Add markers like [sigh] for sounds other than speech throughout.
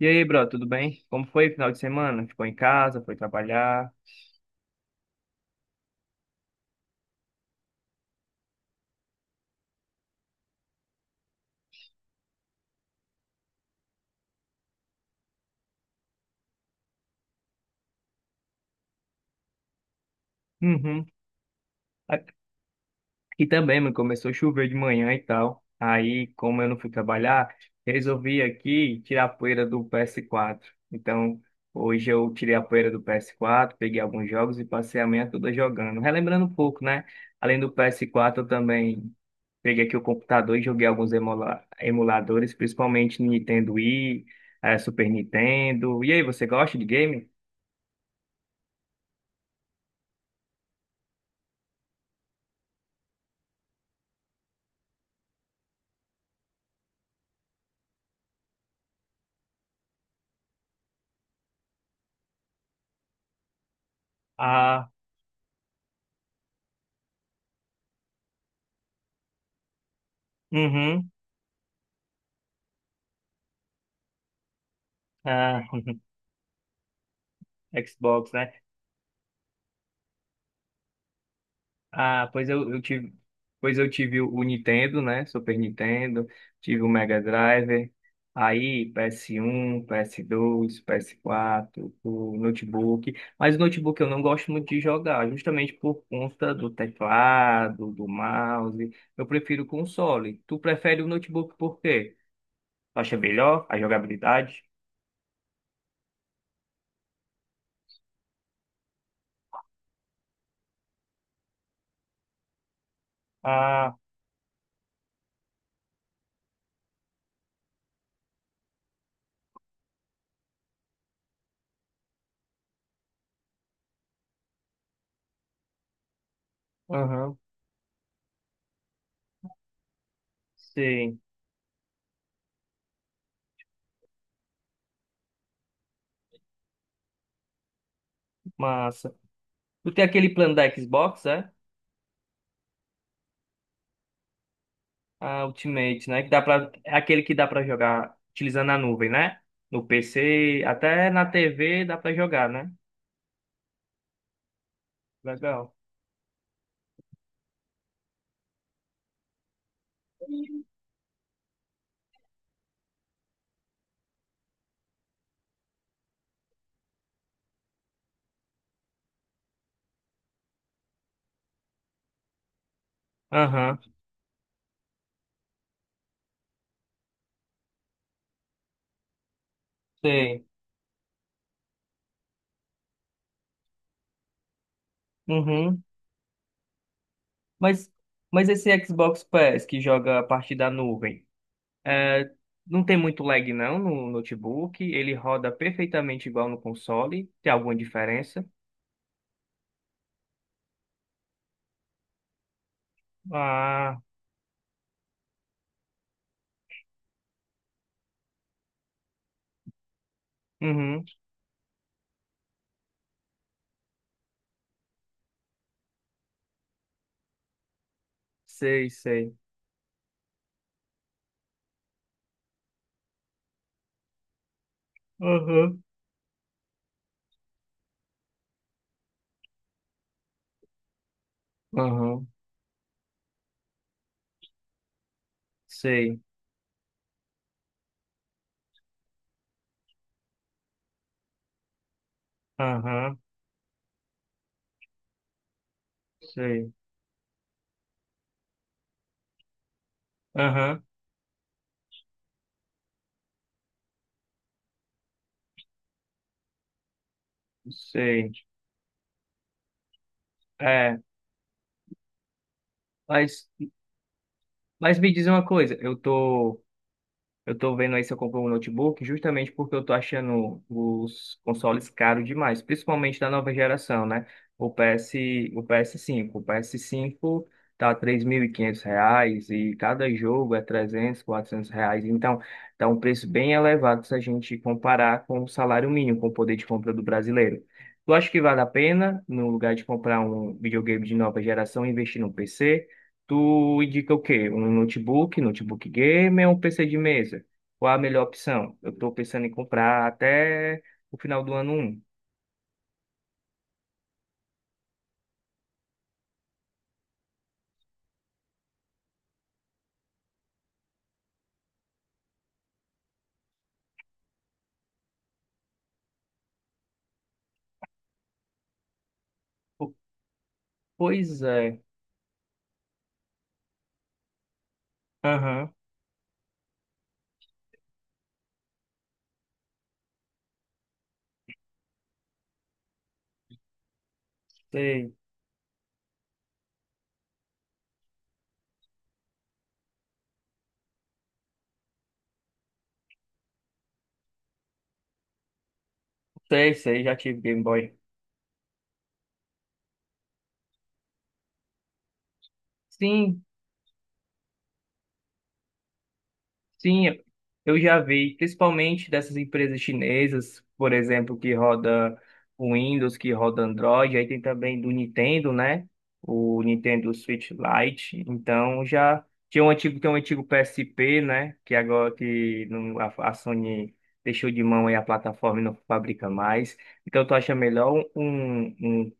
E aí, bro, tudo bem? Como foi o final de semana? Ficou em casa, foi trabalhar? Uhum. Aqui também, mano, começou a chover de manhã e tal. Aí, como eu não fui trabalhar, resolvi aqui tirar a poeira do PS4. Então, hoje eu tirei a poeira do PS4, peguei alguns jogos e passei a manhã toda jogando. Relembrando um pouco, né? Além do PS4, eu também peguei aqui o computador e joguei alguns emuladores, principalmente Nintendo Wii, Super Nintendo. E aí, você gosta de game? Uhum. Ah, [laughs] Xbox, né? Ah, pois eu tive o Nintendo, né? Super Nintendo, tive o Mega Drive, aí PS1, PS2, PS4, o notebook. Mas o notebook eu não gosto muito de jogar, justamente por conta do teclado, do mouse. Eu prefiro o console. Tu prefere o notebook por quê? Tu acha melhor a jogabilidade? Ah, aham, sim, massa. Tu tem aquele plano da Xbox, é? Ah, Ultimate, né? É aquele que dá pra jogar utilizando a nuvem, né? No PC, até na TV dá pra jogar, né? Legal. Aham, sei. Uhum. Mas, mas esse Xbox Pass que joga a partir da nuvem, é, não tem muito lag não no notebook, ele roda perfeitamente igual no console, tem alguma diferença? Ah, uhum. Sei, sei. Aham, aham, sei. Aham, sei. Aham, sei. É. Mas, mas me diz uma coisa, eu tô vendo aí se eu compro um notebook justamente porque eu tô achando os consoles caros demais, principalmente da nova geração, né? O PS, o PS5, o PS5 tá R$ 3.500 e cada jogo é 300, 400 reais, então tá um preço bem elevado se a gente comparar com o salário mínimo, com o poder de compra do brasileiro. Tu acha que vale a pena, no lugar de comprar um videogame de nova geração, investir num PC? Tu indica o quê? Um notebook, notebook gamer ou um PC de mesa? Qual a melhor opção? Eu tô pensando em comprar até o final do ano um. Po- Pois é. Aham. Sei, sei, sei, já tive Game Boy. Sim, sim, eu já vi, principalmente dessas empresas chinesas, por exemplo, que roda o Windows, que roda Android, aí tem também do Nintendo, né? O Nintendo Switch Lite. Então já tinha um antigo, tem um antigo PSP, né? Que agora que não- a Sony deixou de mão aí a plataforma e não fabrica mais. Então tu acha melhor um, um,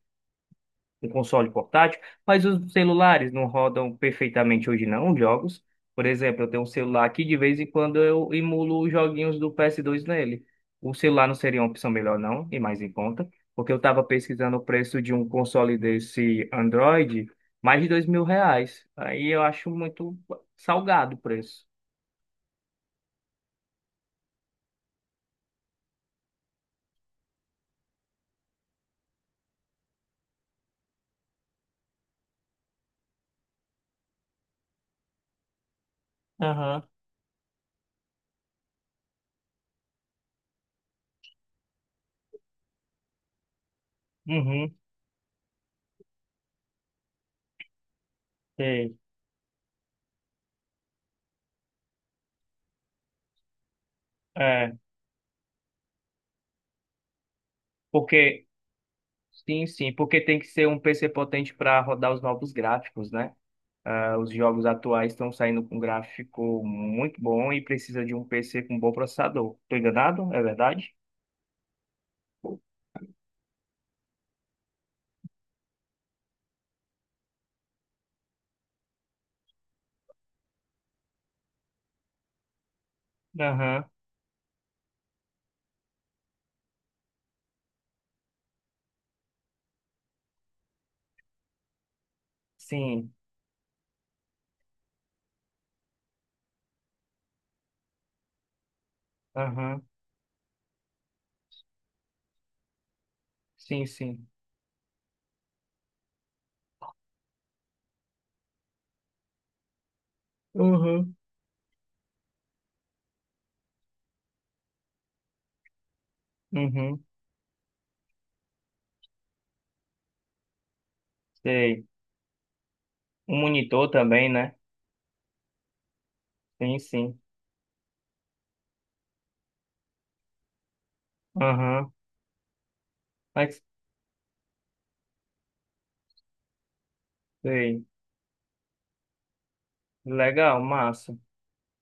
um console portátil, mas os celulares não rodam perfeitamente hoje não, os jogos. Por exemplo, eu tenho um celular aqui de vez em quando eu emulo os joguinhos do PS2 nele. O celular não seria uma opção melhor não, e mais em conta, porque eu estava pesquisando o preço de um console desse Android, mais de R$ 2.000. Aí eu acho muito salgado o preço. Aham, uhum, sei. É, porque, sim, sim, porque tem que ser um PC potente para rodar os novos gráficos, né? Ah, os jogos atuais estão saindo com gráfico muito bom e precisa de um PC com bom processador. Tô enganado? É verdade? Aham, sim. Aham, sim, sim. Uhum, uhum, sei. Um monitor também, né? Sim, sim. Aham, mas sei. Legal, massa.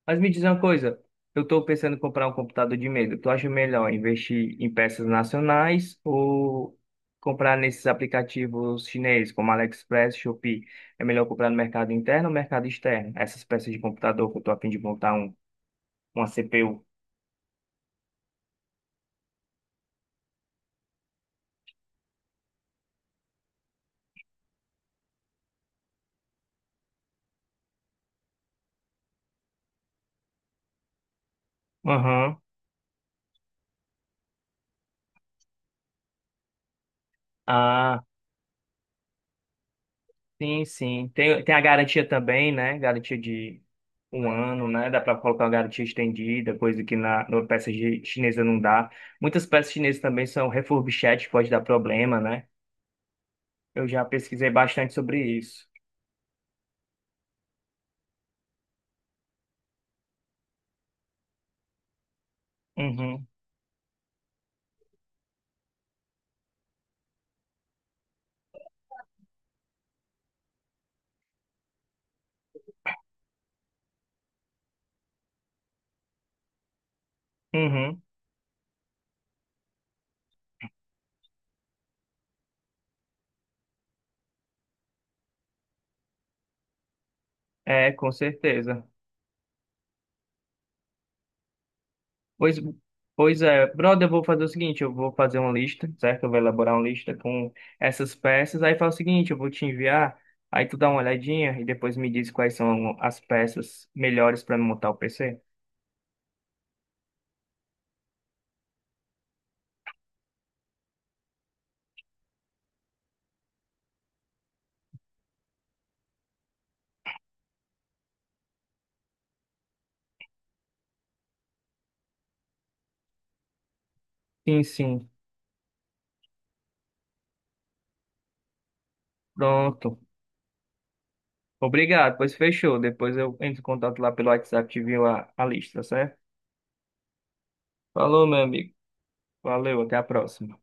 Mas me diz uma coisa, eu estou pensando em comprar um computador de mesa. Tu acha melhor investir em peças nacionais ou comprar nesses aplicativos chineses como AliExpress, Shopee? É melhor comprar no mercado interno ou mercado externo? Essas peças de computador que eu estou a fim de montar uma CPU. Aham. Ah. Sim, sim. Tem a garantia também, né? Garantia de um ano, né? Dá para colocar uma garantia estendida, coisa que na peça chinesa não dá. Muitas peças chinesas também são refurbished, pode dar problema, né? Eu já pesquisei bastante sobre isso. Uhum, uhum. É, com certeza. Pois, pois é, brother, eu vou fazer o seguinte, eu vou fazer uma lista, certo? Eu vou elaborar uma lista com essas peças, aí faz o seguinte, eu vou te enviar, aí tu dá uma olhadinha e depois me diz quais são as peças melhores para montar o PC. Sim, sim, pronto. Obrigado, pois fechou. Depois eu entro em contato lá pelo WhatsApp e te envio a lista, certo? Falou, meu amigo. Valeu, até a próxima.